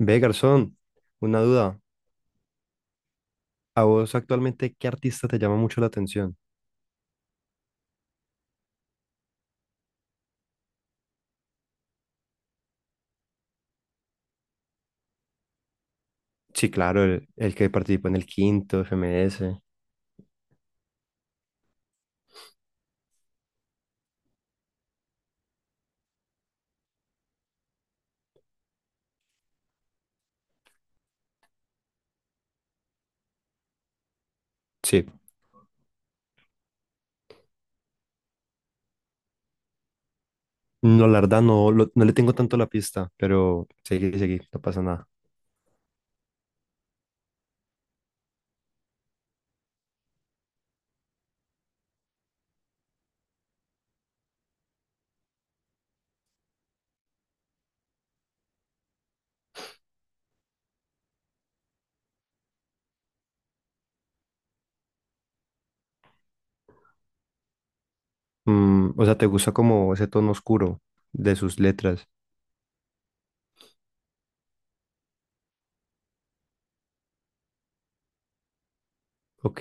Ve, garzón, una duda. ¿A vos actualmente qué artista te llama mucho la atención? Sí, claro, el que participó en el quinto, FMS. Sí. No, la verdad no, no le tengo tanto la pista, pero seguí, seguí, no pasa nada. Mm, o sea, ¿te gusta como ese tono oscuro de sus letras? Ok.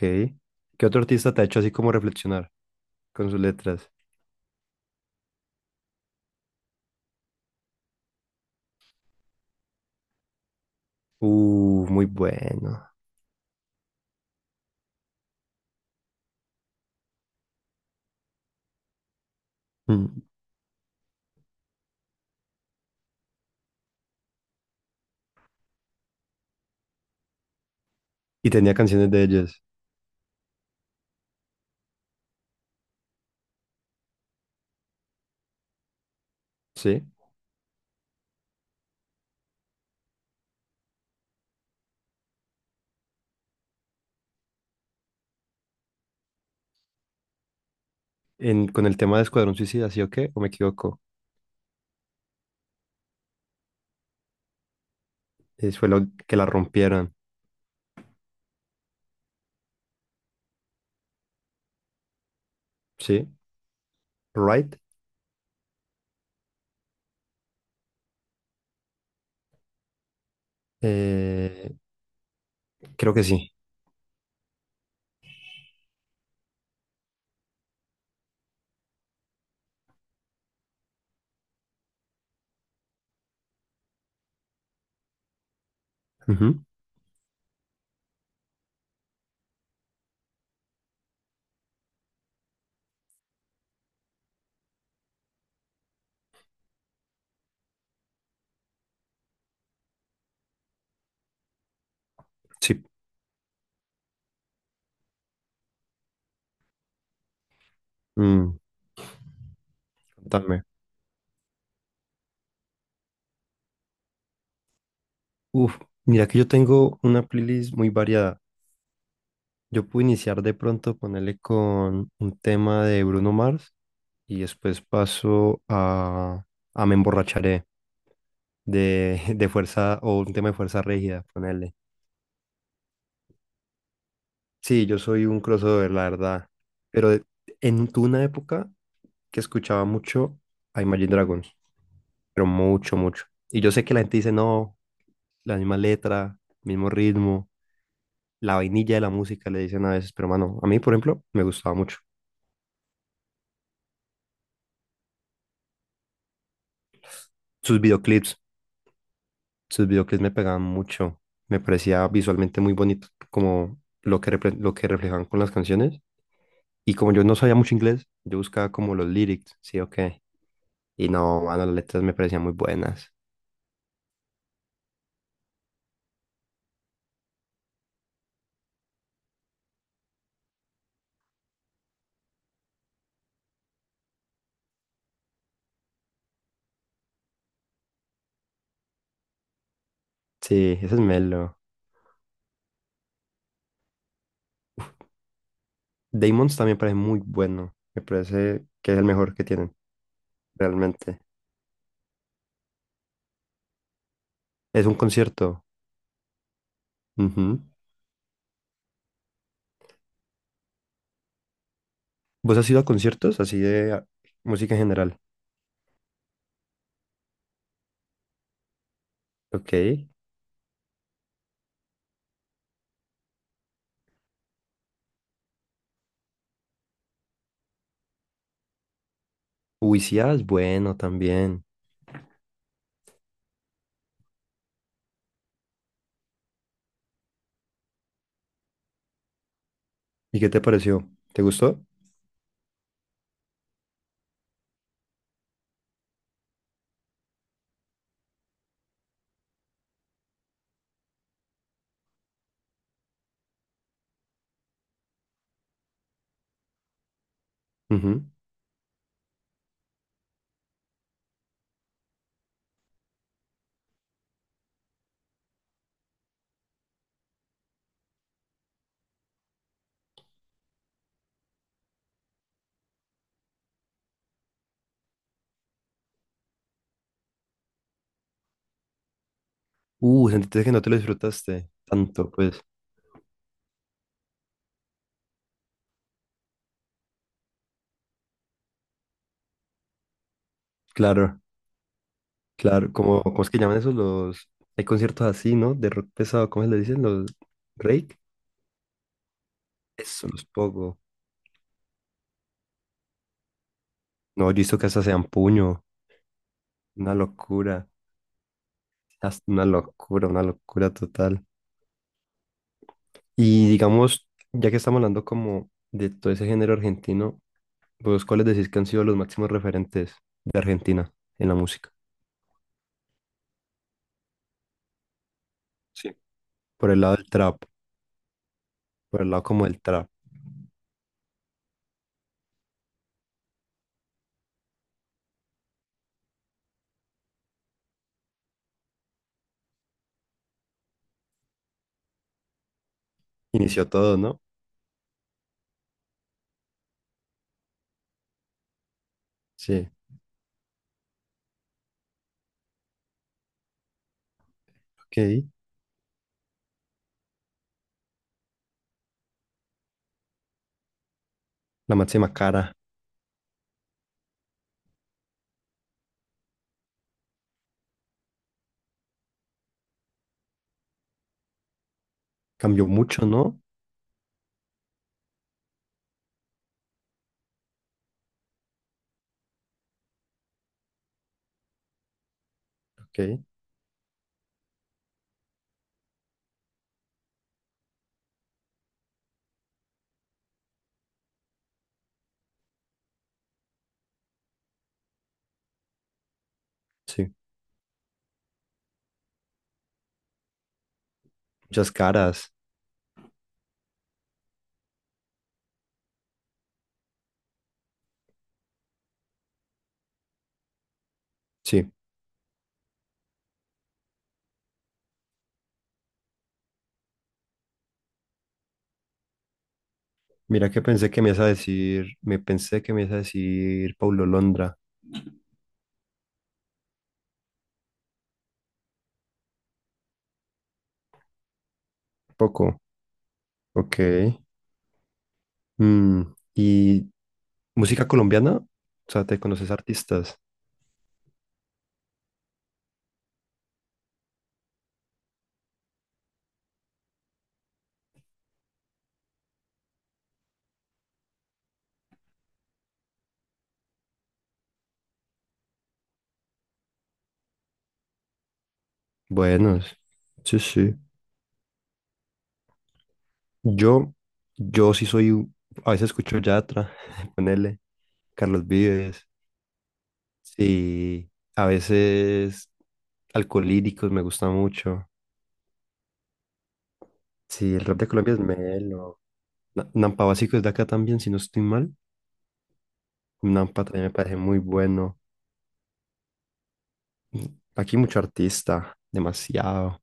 ¿Qué otro artista te ha hecho así como reflexionar con sus letras? Muy bueno. Mm. Y tenía canciones de ellas. ¿Sí? En, con el tema de Escuadrón Suicida, ¿sí o qué? ¿O me equivoco? Fue lo que la rompieron. ¿Sí? Right? Eh, Creo que sí. Ujú. Sí. Mm, contame. Uf, mira que yo tengo una playlist muy variada. Yo puedo iniciar de pronto, ponerle con un tema de Bruno Mars y después paso a Me Emborracharé de, de Fuerza o un tema de Fuerza Rígida, ponerle. Sí, yo soy un crossover, la verdad. Pero de- en tuve una época que escuchaba mucho a Imagine Dragons, pero mucho, mucho. Y yo sé que la gente dice, no, la misma letra, mismo ritmo, la vainilla de la música, le dicen a veces, pero mano, a mí, por ejemplo, me gustaba mucho. Sus videoclips, sus videoclips me pegaban mucho, me parecía visualmente muy bonito, como lo que, lo que reflejaban con las canciones. Y como yo no sabía mucho inglés, yo buscaba como los lyrics, sí, ok. Y no, mano, las letras me parecían muy buenas. Sí, ese es Melo. Damon's también parece muy bueno. Me parece que es el mejor que tienen, realmente. Es un concierto. Ujú. ¿Vos has ido a conciertos así de música en general? Ok. Uicía es bueno también. ¿Y qué te pareció? ¿Te gustó? Ujú. Sentiste que no te lo disfrutaste tanto, pues. Claro, claro. Como, ¿cómo es que llaman esos los... Hay conciertos así, ¿no? De rock pesado, ¿cómo se le dicen? Los... ¿Rake? Eso, los pogo. No, yo hizo que esas sean puño. Una locura. Una locura, una locura total. Y digamos, ya que estamos hablando como de todo ese género argentino, ¿vos cuáles decís que han sido los máximos referentes de Argentina en la música? Sí. Por el lado del trap, por el lado como del trap. Inició todo, ¿no? Sí, ok. La máxima cara. Cambió mucho, ¿no? Ok, sí. Muchas caras. Sí. Mira que pensé que me ibas a decir, me pensé que me ibas a decir Paulo Londra. Poco. Ok. Mm, ¿y música colombiana? O sea, ¿te conoces artistas? Buenos. Sí, sí. Yo, yo sí soy, a veces escucho Yatra, ponele, Carlos Vives. Sí, a veces Alcolíricos me gusta mucho. Sí, el rap de Colombia es melo. Nampa Básico es de acá también, si no estoy mal. Nampa también me parece muy bueno. Aquí mucho artista, demasiado.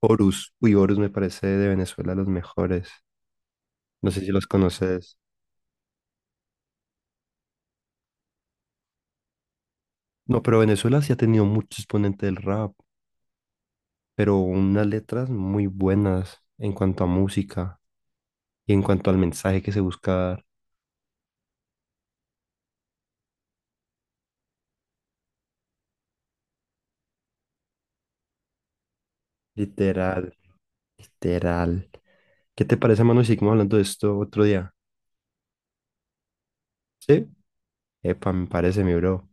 Horus. Uy, Horus me parece de Venezuela los mejores. No sé si los conoces. No, pero Venezuela sí ha tenido mucho exponente del rap, pero unas letras muy buenas en cuanto a música y en cuanto al mensaje que se busca dar. Literal, literal. ¿Qué te parece, mano, si seguimos hablando de esto otro día? ¿Sí? Epa, me parece, mi bro.